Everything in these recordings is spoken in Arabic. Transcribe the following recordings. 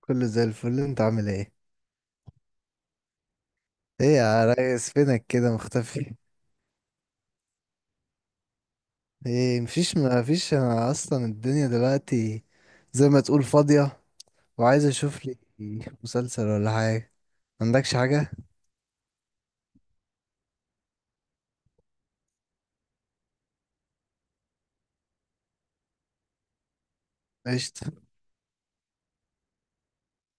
كله زي الفل، انت عامل ايه؟ ايه يا ريس، فينك كده مختفي؟ ايه، مفيش. انا اصلا الدنيا دلوقتي زي ما تقول فاضية، وعايز اشوف لي مسلسل ولا حاجة. عندكش حاجة؟ قشطة،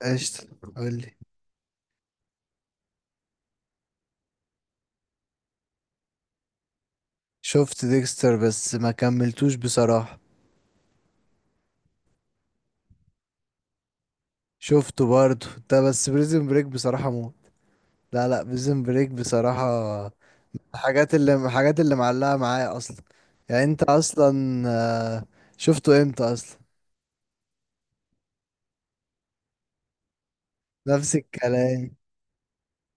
قشطة. قولي. شفت ديكستر بس ما كملتوش بصراحة. شفته برضه ده، بس بريزن بريك بصراحة موت. لا لا، بريزن بريك بصراحة الحاجات اللي معلقة معايا اصلا. يعني انت اصلا آه، شفته امتى اصلا؟ نفس الكلام،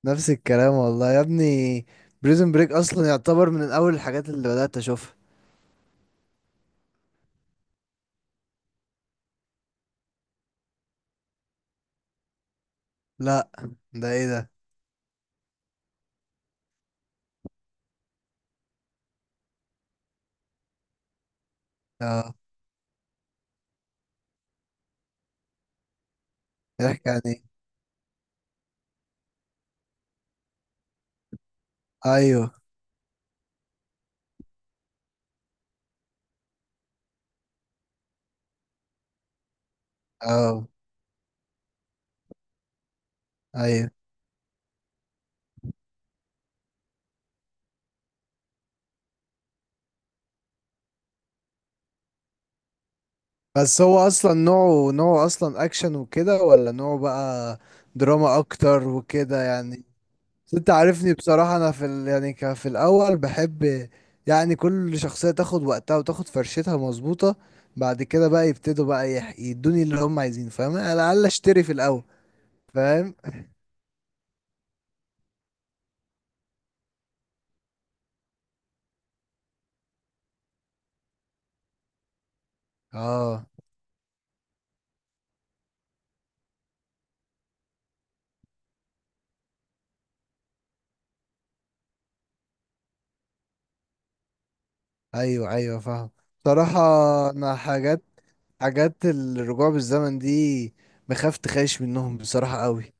نفس الكلام والله يا ابني. بريزن بريك اصلا يعتبر من اول الحاجات اللي بدأت اشوفها. لا، ده ايه ده؟ اه. يحكي عن ايه؟ ايوه. اه. ايوه، بس هو اصلا نوعه، اصلا اكشن وكده، ولا نوعه بقى دراما اكتر وكده يعني؟ بس انت عارفني بصراحة، انا في يعني في الاول بحب يعني كل شخصية تاخد وقتها وتاخد فرشتها مظبوطة. بعد كده بقى يبتدوا بقى يدوني اللي هم عايزينه. فاهم؟ على الاقل اشتري في الاول. فاهم. اه. ايوه، ايوه فاهم. بصراحة، انا حاجات، حاجات الرجوع بالزمن دي بخاف تخيش منهم بصراحة قوي.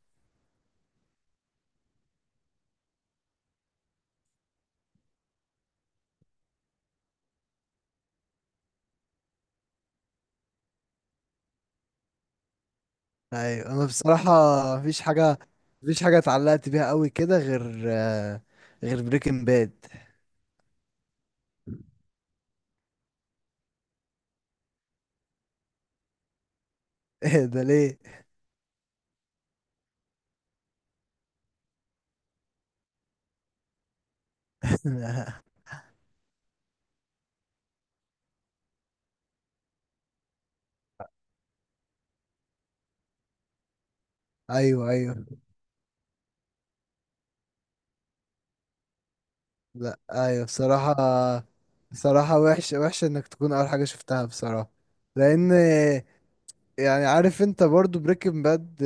ايوه انا بصراحة مفيش حاجة مفيش حاجة اتعلقت بيها قوي كده غير غير بريكنج باد. ده ليه؟ ايوه، ايوه. لا، ايوه بصراحة. بصراحة وحشة، وحشة انك تكون اول حاجة شفتها بصراحة. لان يعني عارف انت برضو بريكنج باد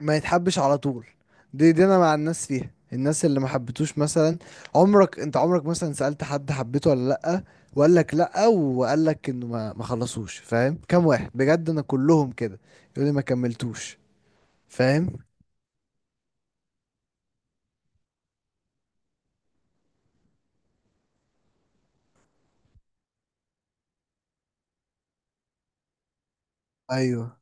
ما يتحبش على طول. دي انا مع الناس فيها، الناس اللي ما حبتوش مثلا. عمرك انت، عمرك مثلا سألت حد حبيته ولا لأ، وقال لك لأ وقال لك انه ما خلصوش؟ فاهم كام واحد بجد انا كلهم كده يقول لي ما كملتوش. فاهم. ايوه.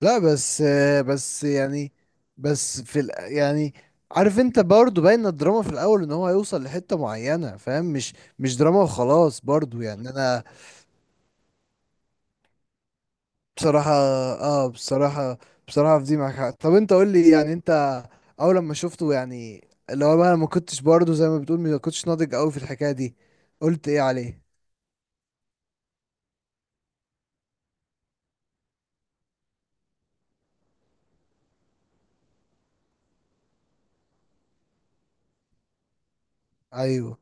لا بس بس يعني بس في يعني عارف انت برضه باين الدراما في الاول ان هو هيوصل لحتة معينة، فاهم؟ مش مش دراما وخلاص برضه يعني انا بصراحة. اه بصراحة. بصراحة في دي معاك حق. طب انت قول لي يعني انت اول لما شفته يعني اللي هو بقى أنا ما كنتش برضه زي ما بتقول ما كنتش ناضج قوي في الحكاية دي، قلت ايه عليه؟ ايوه.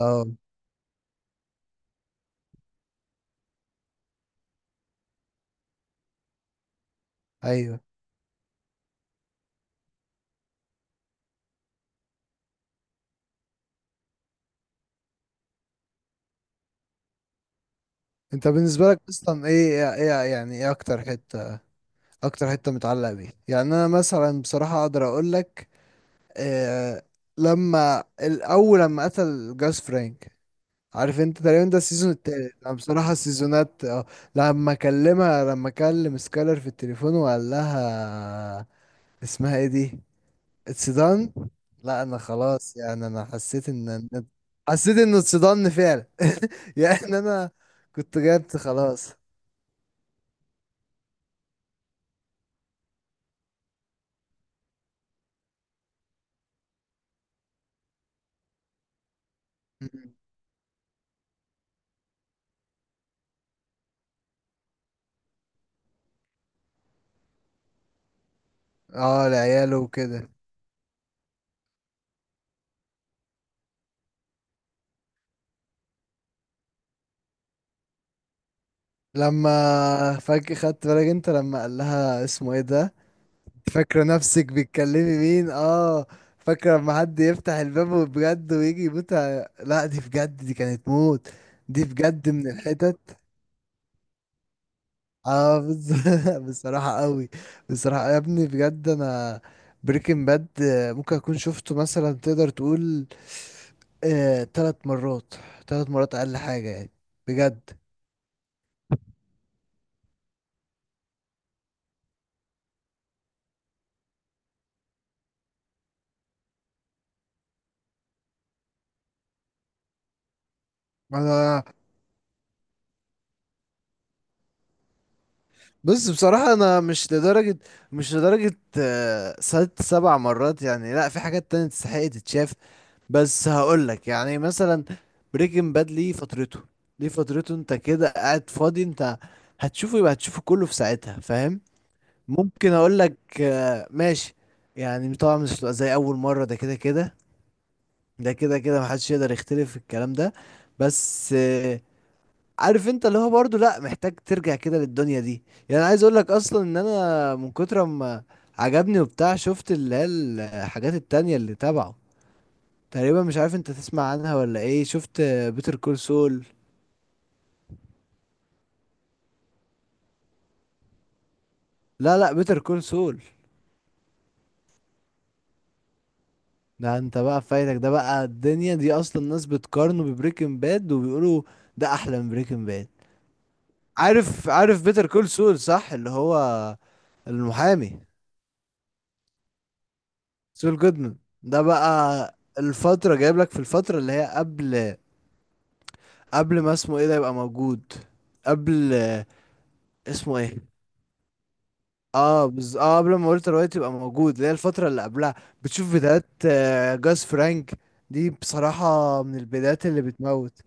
اه. ايوه. انت بالنسبة لك اصلا، ايه ايه يعني، ايه اكتر حتة، اكتر حتة متعلقة بيه؟ يعني انا مثلا بصراحة اقدر اقول لك آه لما الاول لما قتل جاس فرانك. عارف انت تقريبا ده السيزون التالت. انا بصراحة السيزونات اه، لما اكلمها لما اكلم سكالر في التليفون وقال لها، اسمها ايه دي، اتسدان. لا انا خلاص، يعني انا حسيت ان حسيت انه اتصدمني فعلا. يعني انا كنت جبت خلاص. مم. اه لعياله وكده. لما فجأة خدت بالك انت لما قال لها، اسمه ايه ده، فاكرة نفسك بتكلمي مين؟ اه. فاكرة لما حد يفتح الباب بجد ويجي يموت لا، دي بجد دي كانت موت. دي بجد من الحتت. اه بصراحة قوي. بصراحة يا ابني بجد، انا بريكنج باد ممكن اكون شفته مثلا تقدر تقول 3 مرات، 3 مرات اقل حاجة يعني، بجد. انا بس بصراحة، أنا مش لدرجة، مش لدرجة ست سبع مرات يعني، لأ، في حاجات تانية تستحق تتشاف. بس هقولك يعني مثلا بريكنج باد ليه فترته، ليه فترته، أنت كده قاعد فاضي، أنت هتشوفه، يبقى هتشوفه كله في ساعتها، فاهم؟ ممكن أقولك ماشي. يعني طبعا مش هتبقى زي أول مرة، ده كده كده، ده كده كده محدش يقدر يختلف في الكلام ده. بس عارف انت اللي هو برضه، لا محتاج ترجع كده للدنيا دي. يعني عايز اقول لك اصلا ان انا من كتر ما عجبني وبتاع، شفت اللي هي الحاجات التانية اللي تبعه؟ تقريبا مش عارف انت تسمع عنها ولا ايه؟ شفت بيتر كول سول؟ لا لا، بيتر كول سول. ده انت بقى فايتك، ده بقى الدنيا دي اصلا، الناس بتقارنه ببريكنج باد وبيقولوا ده احلى من بريكنج باد. عارف، عارف بيتر كول سول صح، اللي هو المحامي سول جودمان. ده بقى الفترة، جايب لك في الفترة اللي هي قبل، قبل ما اسمه ايه ده يبقى موجود، قبل، اسمه ايه؟ اه اه قبل ما والتر وايت يبقى موجود، اللي هي الفترة اللي قبلها. بتشوف فيديوهات جاس فرانك. دي بصراحة من البدايات اللي بتموت.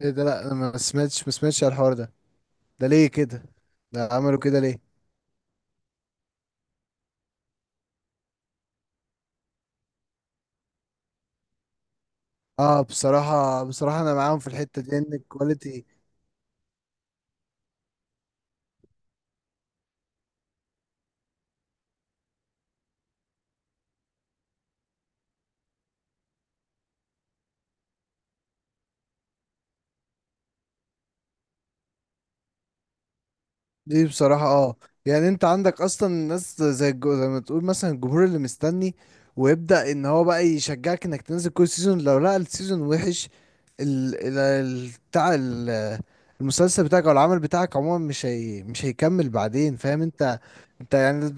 ايه ده؟ لا انا ما سمعتش، ما سمعتش على الحوار ده، ده ليه كده؟ ده عملوا كده ليه؟ اه بصراحة، بصراحة انا معاهم في الحتة دي ان الكواليتي. دي بصراحة اه. يعني انت عندك اصلا ناس زي زي ما تقول مثلا الجمهور اللي مستني ويبدأ ان هو بقى يشجعك انك تنزل كل سيزون. لو لقى السيزون وحش، بتاع المسلسل بتاعك او العمل بتاعك عموما، مش هيكمل بعدين. فاهم انت؟ انت يعني.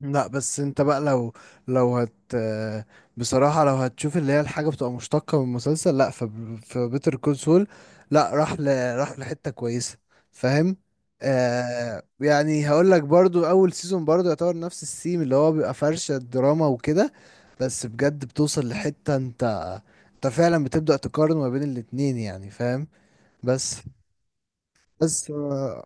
لا، بس انت بقى لو، لو هت بصراحة لو هتشوف اللي هي الحاجة بتبقى مشتقة من المسلسل، لا، في بيتر كونسول، لا، راح لحتة كويسة، فاهم؟ آه، يعني هقول لك برضو اول سيزون برضو يعتبر نفس السيم اللي هو بيبقى فرشة دراما وكده، بس بجد بتوصل لحتة انت، انت فعلا بتبدأ تقارن ما بين الاتنين يعني. فاهم؟ بس بس آه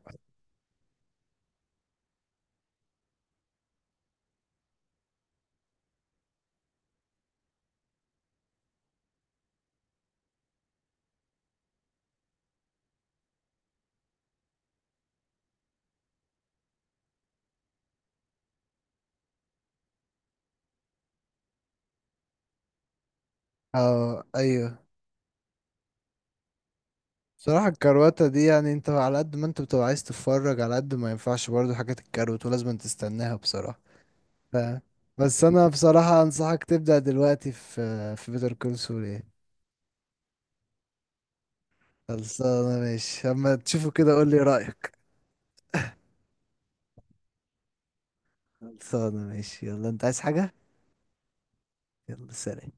آه، ايوه. صراحة الكرواتة دي، يعني انت على قد ما انت بتبقى عايز تتفرج، على قد ما ينفعش برضو حاجات الكروت ولازم تستناها بصراحة. ف... بس انا بصراحة انصحك تبدأ دلوقتي في بيتر كول سول. ايه، خلصانة ماشي، اما تشوفه كده قول لي رأيك. خلصانة ماشي، يلا انت عايز حاجة؟ يلا سلام.